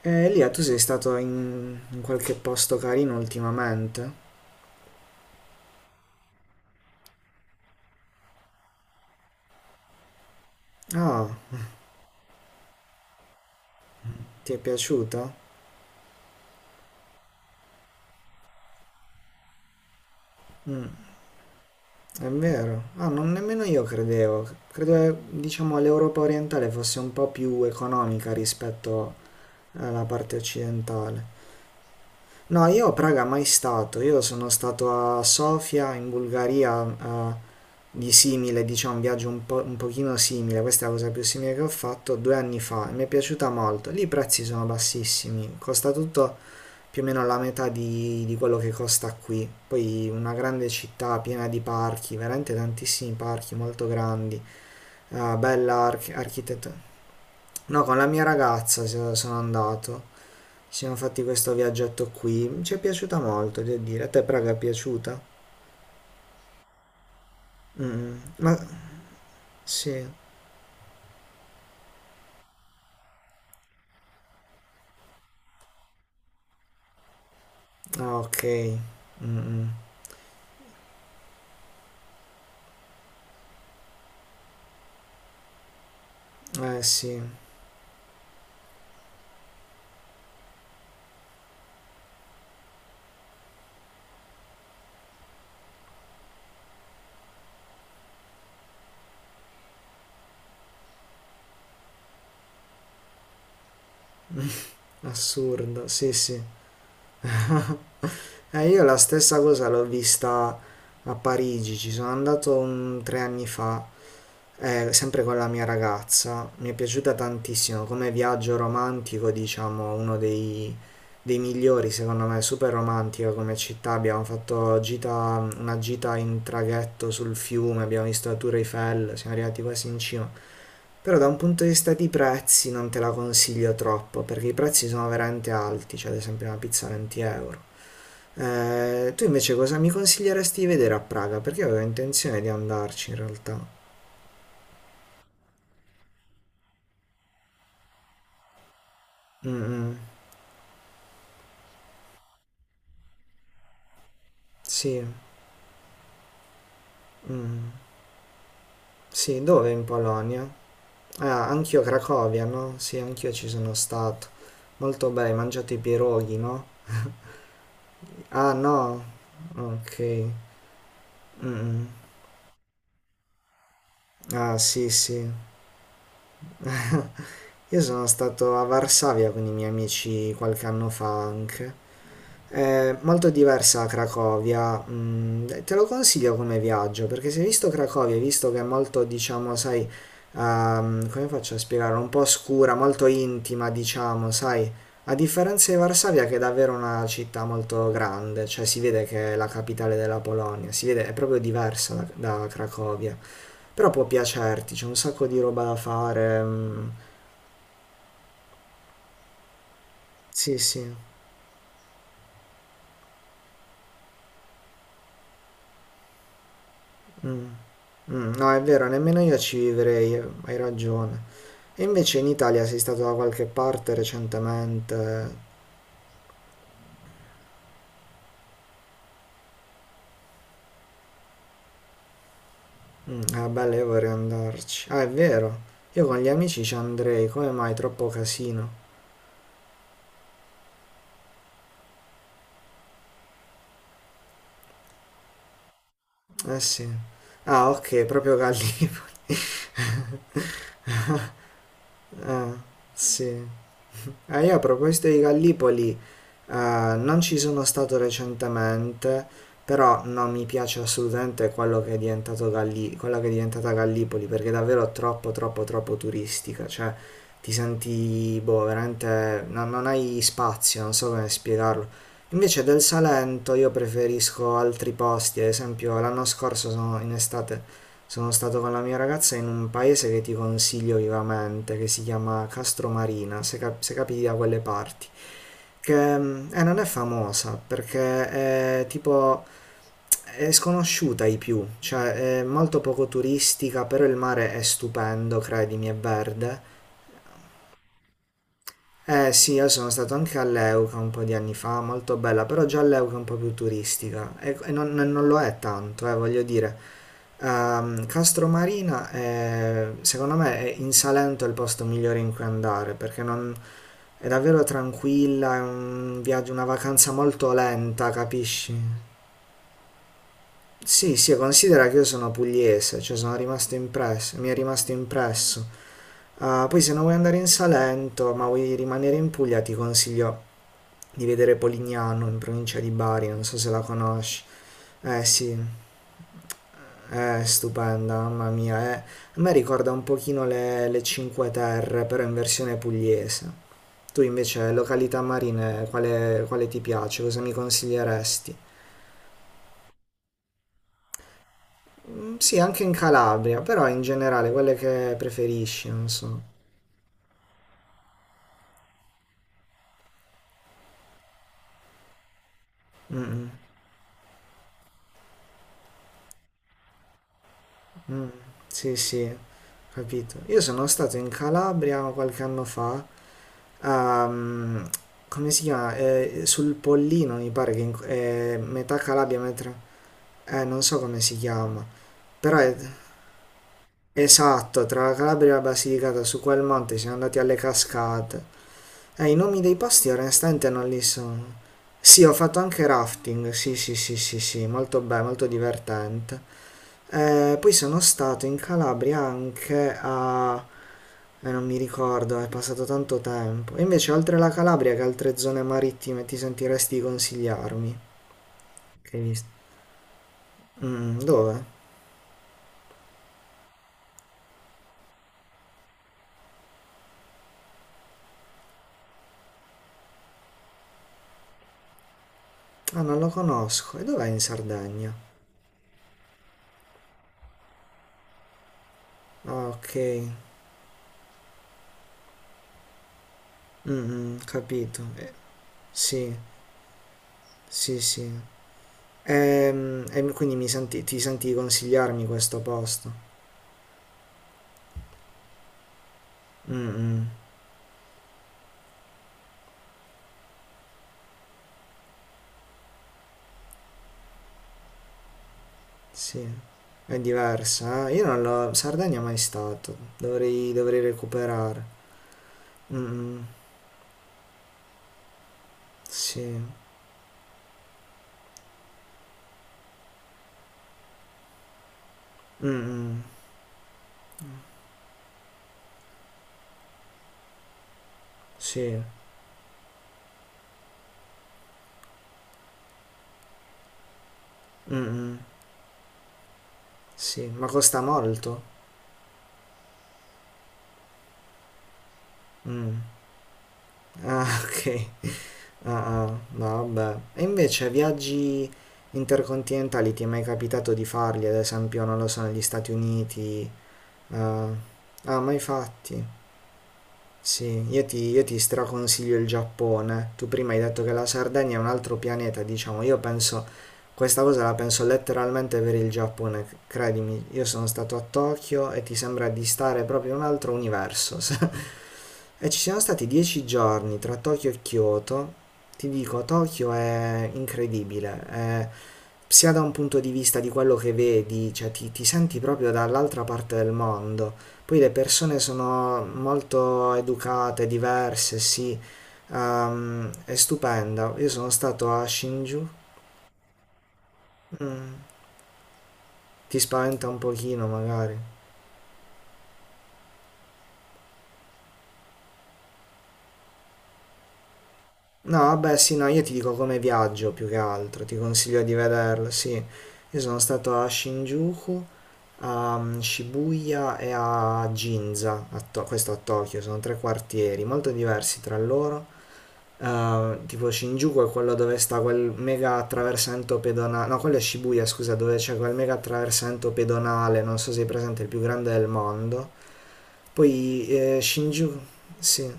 Elia, tu sei stato in qualche posto carino ultimamente? Ah, ti è piaciuto? È vero. Ah, non nemmeno io credevo. Credevo, diciamo, l'Europa orientale fosse un po' più economica rispetto alla parte occidentale. No, io a Praga mai stato. Io sono stato a Sofia, in Bulgaria, di simile, diciamo, un viaggio un po', un pochino simile. Questa è la cosa più simile che ho fatto 2 anni fa e mi è piaciuta molto. Lì i prezzi sono bassissimi, costa tutto più o meno la metà di quello che costa qui. Poi una grande città piena di parchi, veramente tantissimi parchi molto grandi, bella architettura. No, con la mia ragazza sono andato, ci siamo fatti questo viaggetto qui, ci è piaciuta molto, devo dire. A te Praga è piaciuta? Ma sì, ah, ok. Mm, mm. Eh sì, assurdo, sì sì. Io la stessa cosa l'ho vista a Parigi, ci sono andato 3 anni fa, sempre con la mia ragazza. Mi è piaciuta tantissimo, come viaggio romantico, diciamo, uno dei migliori, secondo me, super romantica come città. Abbiamo fatto una gita in traghetto sul fiume, abbiamo visto la Tour Eiffel, siamo arrivati quasi in cima. Però da un punto di vista di prezzi non te la consiglio troppo, perché i prezzi sono veramente alti, cioè ad esempio una pizza 20 euro. Tu invece cosa mi consiglieresti di vedere a Praga? Perché io avevo intenzione di andarci in realtà. Mm, mm. Sì, mm. Sì, dove in Polonia? Ah, anch'io Cracovia, no? Sì, anch'io ci sono stato. Molto bene, hai mangiato i pierogi, no? Ah, no? Ok. Mm, mm. Ah, sì, sì. Io sono stato a Varsavia con i miei amici qualche anno fa anche. È molto diversa da Cracovia, te lo consiglio come viaggio perché se hai visto Cracovia, hai visto che è molto, diciamo, sai, come faccio a spiegare, un po' oscura, molto intima, diciamo, sai, a differenza di Varsavia che è davvero una città molto grande, cioè si vede che è la capitale della Polonia, si vede, è proprio diversa da Cracovia, però può piacerti, c'è un sacco di roba da fare, mm, sì, sì, mm, mm, no, è vero, nemmeno io ci vivrei, hai ragione. E invece in Italia sei stato da qualche parte recentemente? Mm, ah, bella, io vorrei andarci. Ah, è vero. Io con gli amici ci andrei. Come mai? Troppo casino. Eh sì. Ah, ok, proprio Gallipoli. Ah, sì. Io a proposito di Gallipoli, non ci sono stato recentemente, però non mi piace assolutamente quello che quella che è diventata Gallipoli, perché è davvero troppo, troppo, troppo turistica, cioè ti senti, boh, veramente, non hai spazio, non so come spiegarlo. Invece del Salento io preferisco altri posti, ad esempio l'anno scorso sono in estate sono stato con la mia ragazza in un paese che ti consiglio vivamente, che si chiama Castromarina, se capiti da quelle parti, che non è famosa perché è tipo è sconosciuta ai più, cioè è molto poco turistica, però il mare è stupendo, credimi, è verde. Eh sì, io sono stato anche a Leuca un po' di anni fa, molto bella, però già Leuca è un po' più turistica e non lo è tanto, voglio dire. Castromarina è, secondo me è in Salento è il posto migliore in cui andare perché è davvero tranquilla, è un viaggio, una vacanza molto lenta, capisci? Sì, sì, considera che io sono pugliese, cioè sono rimasto impresso, mi è rimasto impresso. Ah, poi se non vuoi andare in Salento, ma vuoi rimanere in Puglia, ti consiglio di vedere Polignano in provincia di Bari, non so se la conosci. Eh sì. È stupenda, mamma mia. È... A me ricorda un pochino le Cinque Terre, però in versione pugliese. Tu invece, località marine, quale ti piace? Cosa mi consiglieresti? Mm, sì, anche in Calabria, però in generale, quelle che preferisci, non so. Mm, mm, mm. Sì, sì, capito. Io sono stato in Calabria qualche anno fa. ehm, come si chiama? Sul Pollino, mi pare che è metà Calabria, non so come si chiama, però è esatto, tra la Calabria e la Basilicata su quel monte siamo andati alle cascate. I nomi dei posti onestamente non li sono. Sì, ho fatto anche rafting, sì, sì, sì, sì, sì, molto bello, molto divertente. Poi sono stato in Calabria anche a... non mi ricordo, è passato tanto tempo. E invece oltre la Calabria che altre zone marittime ti sentiresti di consigliarmi? Che hai visto? Mm, dove? Ah, non lo conosco. E dov'è in Sardegna? Ah, ok. Mm, mm, capito. Sì, sì, sì. E, quindi ti senti di consigliarmi questo posto? Mm, mm, sì. È diversa, eh? Io non l'ho... Sardegna mai stato. Dovrei recuperare. Mm, mm, sì. Mm, mm, sì. Mm, mm, sì. Ma costa molto? Mm. Ah, ok. Ah, ah, no, vabbè. E invece viaggi intercontinentali ti è mai capitato di farli, ad esempio, non lo so, negli Stati Uniti? Eh, ah, mai fatti? Sì, io ti straconsiglio il Giappone. Tu prima hai detto che la Sardegna è un altro pianeta, diciamo. Io penso, questa cosa la penso letteralmente per il Giappone, credimi. Io sono stato a Tokyo e ti sembra di stare proprio in un altro universo. E ci siamo stati 10 giorni tra Tokyo e Kyoto. Ti dico, Tokyo è incredibile. Sia da un punto di vista di quello che vedi, cioè ti senti proprio dall'altra parte del mondo. Poi le persone sono molto educate, diverse, sì. È stupenda. Io sono stato a Shinjuku. Mm, ti spaventa un pochino, magari. No, vabbè, sì, no, io ti dico come viaggio più che altro, ti consiglio di vederlo, sì. Io sono stato a Shinjuku, a Shibuya e a Ginza, questo a Tokyo, sono tre quartieri molto diversi tra loro. Tipo Shinjuku è quello dove sta quel mega attraversamento pedonale, no, quello è Shibuya, scusa, dove c'è quel mega attraversamento pedonale, non so se è presente, il più grande del mondo. Poi Shinjuku, sì.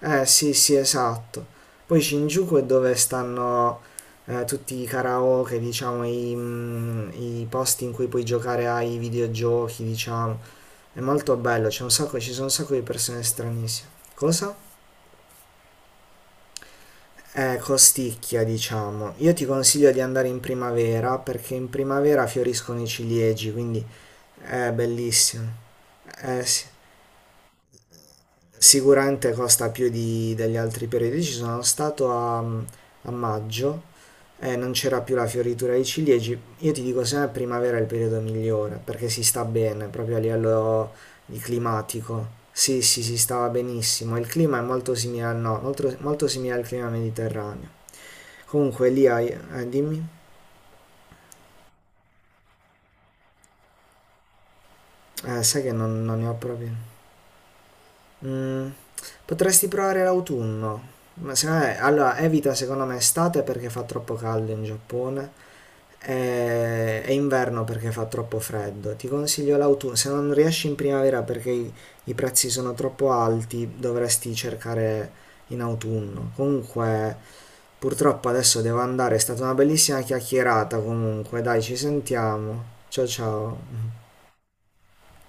Eh sì, sì, esatto. Poi Shinjuku è dove stanno tutti i karaoke, diciamo, i posti in cui puoi giocare ai videogiochi, diciamo. È molto bello, c'è un sacco, ci sono un sacco di persone stranissime. Cosa? Costicchia, diciamo. Io ti consiglio di andare in primavera perché in primavera fioriscono i ciliegi, quindi è bellissimo. Eh sì. Sicuramente costa più degli altri periodici. Sono stato a maggio e non c'era più la fioritura dei ciliegi. Io ti dico sempre primavera è il periodo migliore perché si sta bene proprio a livello di climatico. Sì, sì, si stava benissimo. Il clima è molto simile, al no, molto, molto simile al clima mediterraneo. Comunque lì hai, dimmi, sai che non ne ho proprio. Mm, potresti provare l'autunno. Ma secondo me, allora, evita secondo me estate perché fa troppo caldo in Giappone e inverno perché fa troppo freddo. Ti consiglio l'autunno. Se non riesci in primavera perché i prezzi sono troppo alti, dovresti cercare in autunno. Comunque, purtroppo adesso devo andare. È stata una bellissima chiacchierata. Comunque, dai, ci sentiamo. Ciao ciao.